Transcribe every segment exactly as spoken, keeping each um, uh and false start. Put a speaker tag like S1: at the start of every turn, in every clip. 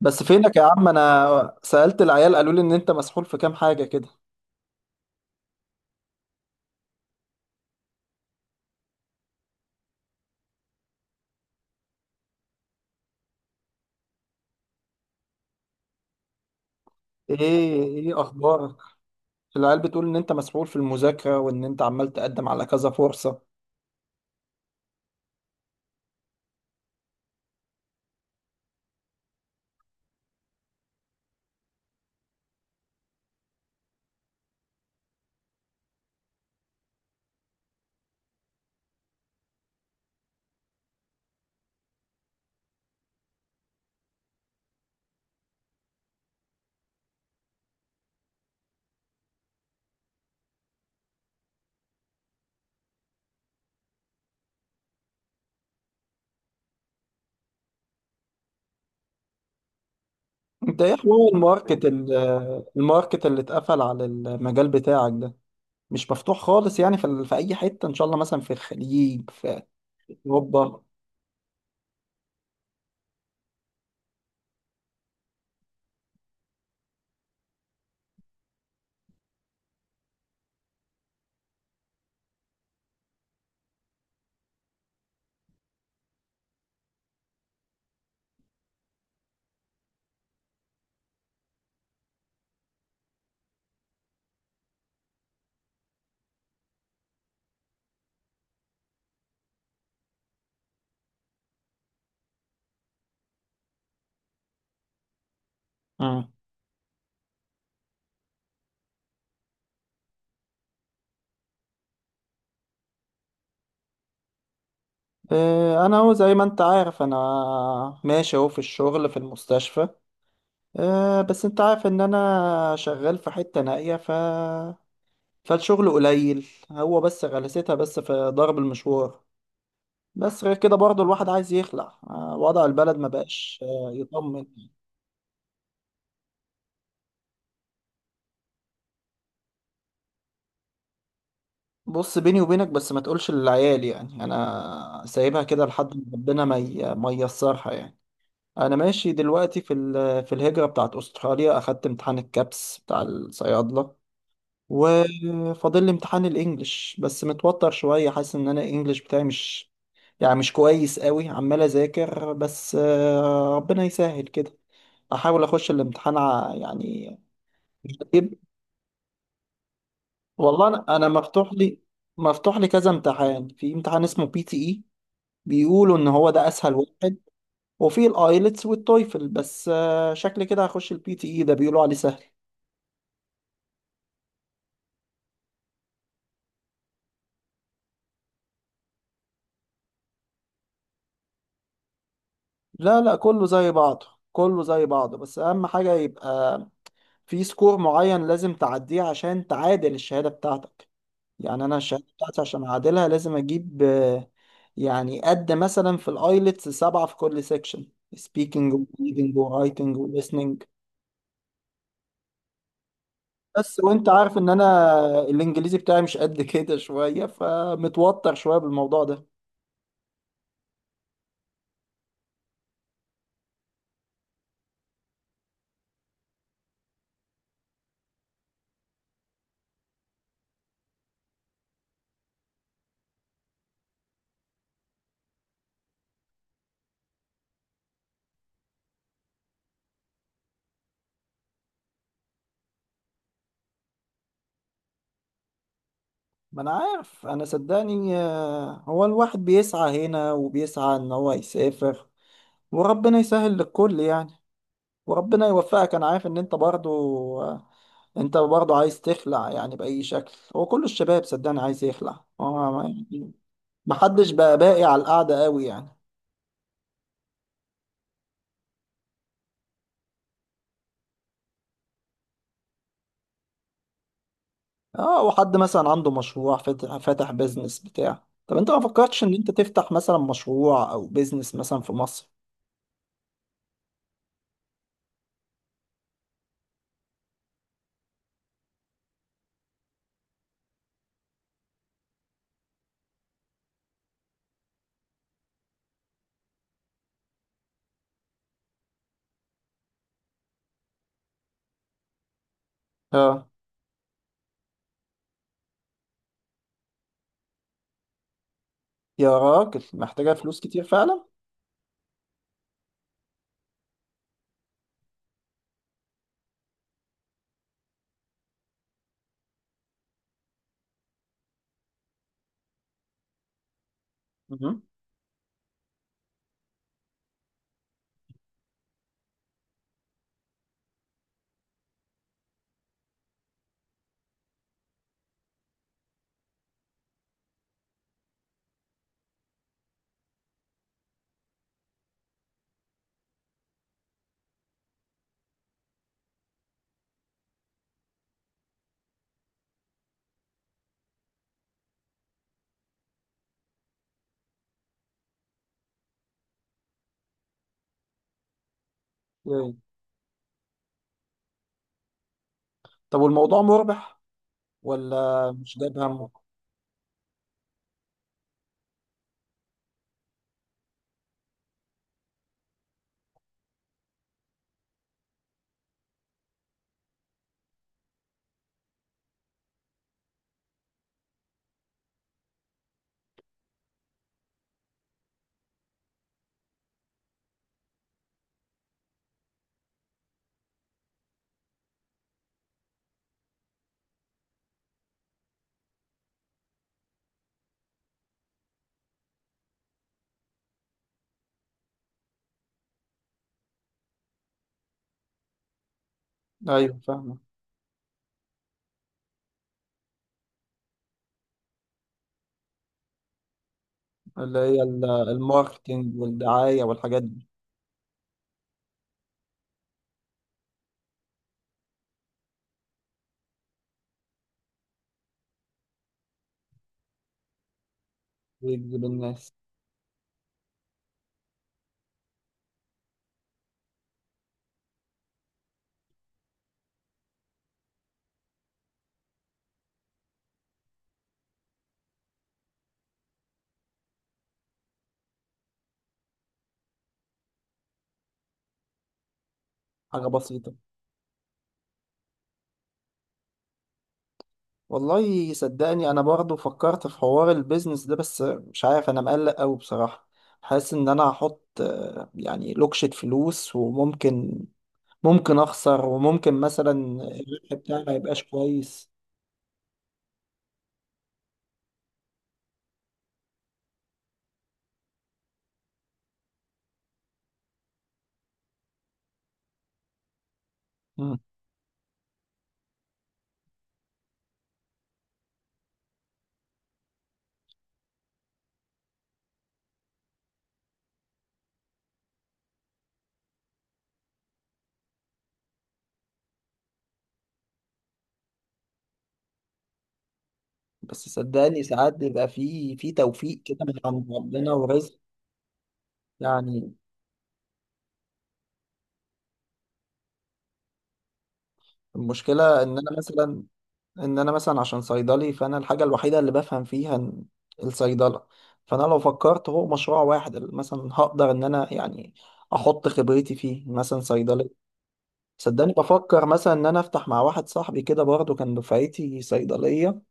S1: بس فينك يا عم؟ انا سألت العيال قالوا لي ان انت مسحول في كام حاجة كده. ايه ايه اخبارك؟ العيال بتقول ان انت مسحول في المذاكرة وان انت عمال تقدم على كذا فرصة. انت ايه حوار الماركت ال- الماركت اللي اتقفل على المجال بتاعك ده؟ مش مفتوح خالص يعني في, ال- في اي حتة ان شاء الله، مثلا في الخليج، في اوروبا. مم. إيه، انا هو زي ما انت عارف انا ماشي اهو في الشغل في المستشفى. آه، بس انت عارف ان انا شغال في حتة نائية ف فالشغل قليل، هو بس غلستها بس في ضرب المشوار. بس غير كده برضه الواحد عايز يخلع، آه، وضع البلد ما بقاش آه، يطمن. بص بيني وبينك بس ما تقولش للعيال، يعني انا سايبها كده لحد ما ربنا ما ي- ما ييسرها يعني. انا ماشي دلوقتي في ال- في الهجرة بتاعت استراليا، اخدت امتحان الكابس بتاع الصيادلة وفاضل لي امتحان الانجليش، بس متوتر شوية، حاسس ان انا الانجليش بتاعي مش يعني مش كويس قوي، عمال اذاكر بس آه، ربنا يسهل كده. احاول اخش الامتحان ع- يعني جيب. والله انا أنا مفتوح لي، مفتوح لي كذا امتحان. في امتحان اسمه بي تي اي، بيقولوا ان هو ده اسهل واحد، وفي الايلتس والتويفل، بس آه، شكلي كده هخش البي تي اي ده بيقولوا عليه سهل. لا لا، كله زي بعضه كله زي بعضه، بس اهم حاجة يبقى في سكور معين لازم تعديه عشان تعادل الشهادة بتاعتك. يعني أنا الشهادة بتاعتي عشان أعادلها لازم أجيب آه، يعني قد مثلا في الآيلتس سبعة في كل سيكشن، speaking و reading و writing و listening. بس وأنت عارف إن أنا الإنجليزي بتاعي مش قد كده شوية، فمتوتر شوية بالموضوع ده. ما أنا عارف، أنا صدقني آه، هو الواحد بيسعى هنا وبيسعى إن هو يسافر، وربنا يسهل للكل يعني. وربنا يوفقك، أنا عارف إن أنت برضو انت برضه عايز تخلع يعني بأي شكل. هو كل الشباب صدقني عايز يخلع، هو ما يعني محدش بقى باقي على القعدة قوي يعني. اه، وحد مثلا عنده مشروع فاتح، فاتح بيزنس بتاع. طب انت ما فكرتش ان انت تفتح مثلا مشروع او بيزنس مثلا في مصر؟ اه. يا راجل محتاجة فلوس كتير فعلا. مهم. ايوه. طب والموضوع مربح ولا مش جايب همه؟ ايوه فاهمة، اللي هي ال- الماركتينج والدعاية والحاجات دي. ويجذب الناس. حاجة بسيطة. والله صدقني انا برضو فكرت في حوار البيزنس ده، بس مش عارف، انا مقلق قوي بصراحة. حاسس ان انا هحط آه، يعني لوكشة فلوس، وممكن ممكن اخسر، وممكن مثلا الربح بتاعي ما يبقاش كويس. مم. بس صدقني ساعات بيبقى في في توفيق كده من عند ربنا ورزق يعني. المشكلة ان انا مثلا، ان انا مثلا عشان صيدلي، فانا الحاجه الوحيده اللي بفهم فيها إن الصيدله. فانا لو فكرت هو مشروع واحد اللي مثلا هقدر ان انا يعني احط خبرتي فيه، مثلا صيدلي. صدقني بفكر مثلا ان انا افتح مع واحد صاحبي كده برضه كان دفعتي صيدليه،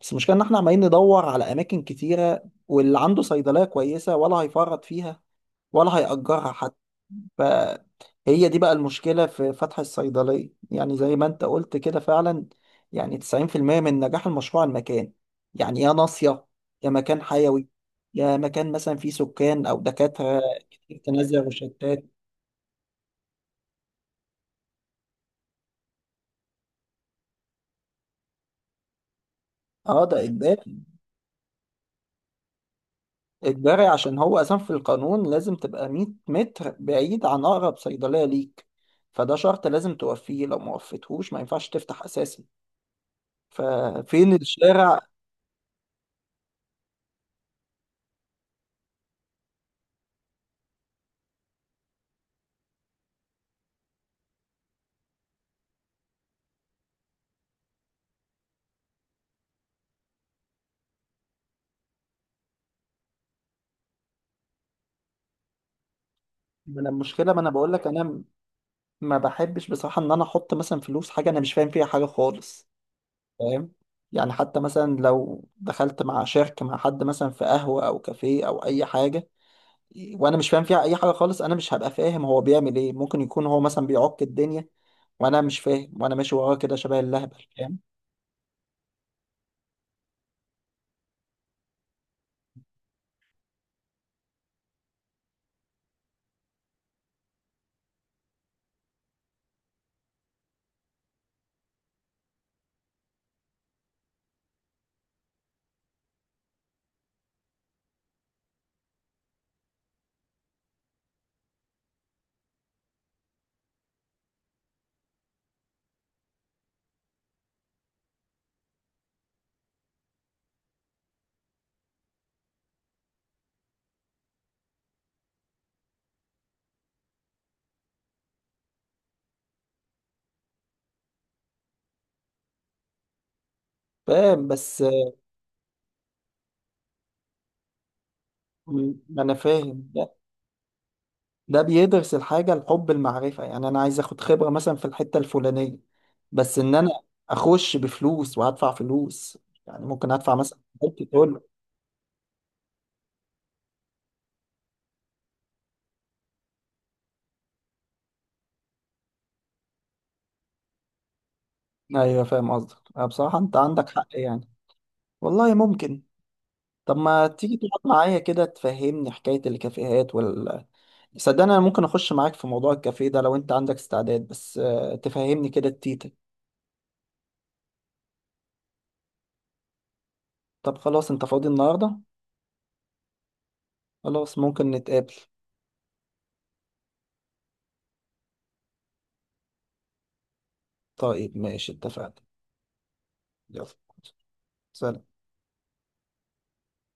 S1: بس المشكله ان احنا عمالين ندور على اماكن كتيره، واللي عنده صيدليه كويسه ولا هيفرط فيها ولا هيأجرها حتى. فهي دي بقى المشكلة في فتح الصيدلية، يعني زي ما انت قلت كده فعلا، يعني تسعين في المية من نجاح المشروع المكان. يعني يا ناصية، يا مكان حيوي، يا مكان مثلا فيه سكان أو دكاترة كتير تنزل روشتات. اه ده إجباري، إجباري عشان هو أساسا في القانون لازم تبقى مية متر بعيد عن أقرب صيدلية ليك، فده شرط لازم توفيه، لو ما وفيتهوش ما ينفعش تفتح أساسا. ففين الشارع؟ ما انا المشكله، ما انا بقول لك انا م- ما بحبش بصراحه ان انا احط مثلا فلوس حاجه انا مش فاهم فيها حاجه خالص، فاهم؟ يعني حتى مثلا لو دخلت مع شركه، مع حد مثلا في قهوه او كافيه او اي حاجه وانا مش فاهم فيها اي حاجه خالص، انا مش هبقى فاهم هو بيعمل ايه. ممكن يكون هو مثلا بيعك الدنيا وانا مش فاهم، وانا ماشي وراه كده شبه اللهبل، فاهم؟ فاهم بس م- ما انا فاهم، ده بيدرس الحاجة الحب المعرفة، يعني أنا عايز أخد خبرة مثلا في الحتة الفلانية، بس إن أنا أخش بفلوس وهدفع فلوس، يعني ممكن أدفع مثلا، ممكن تقول. أيوه فاهم قصدك، أه بصراحة أنت عندك حق يعني. والله ممكن. طب ما تيجي تقعد معايا كده تفهمني حكاية الكافيهات وال. صدقني أنا ممكن أخش معاك في موضوع الكافيه ده لو أنت عندك استعداد، بس آه، تفهمني كده التيتا. طب خلاص، أنت فاضي النهاردة؟ خلاص ممكن نتقابل. طيب ماشي اتفقنا. يلا. سلام.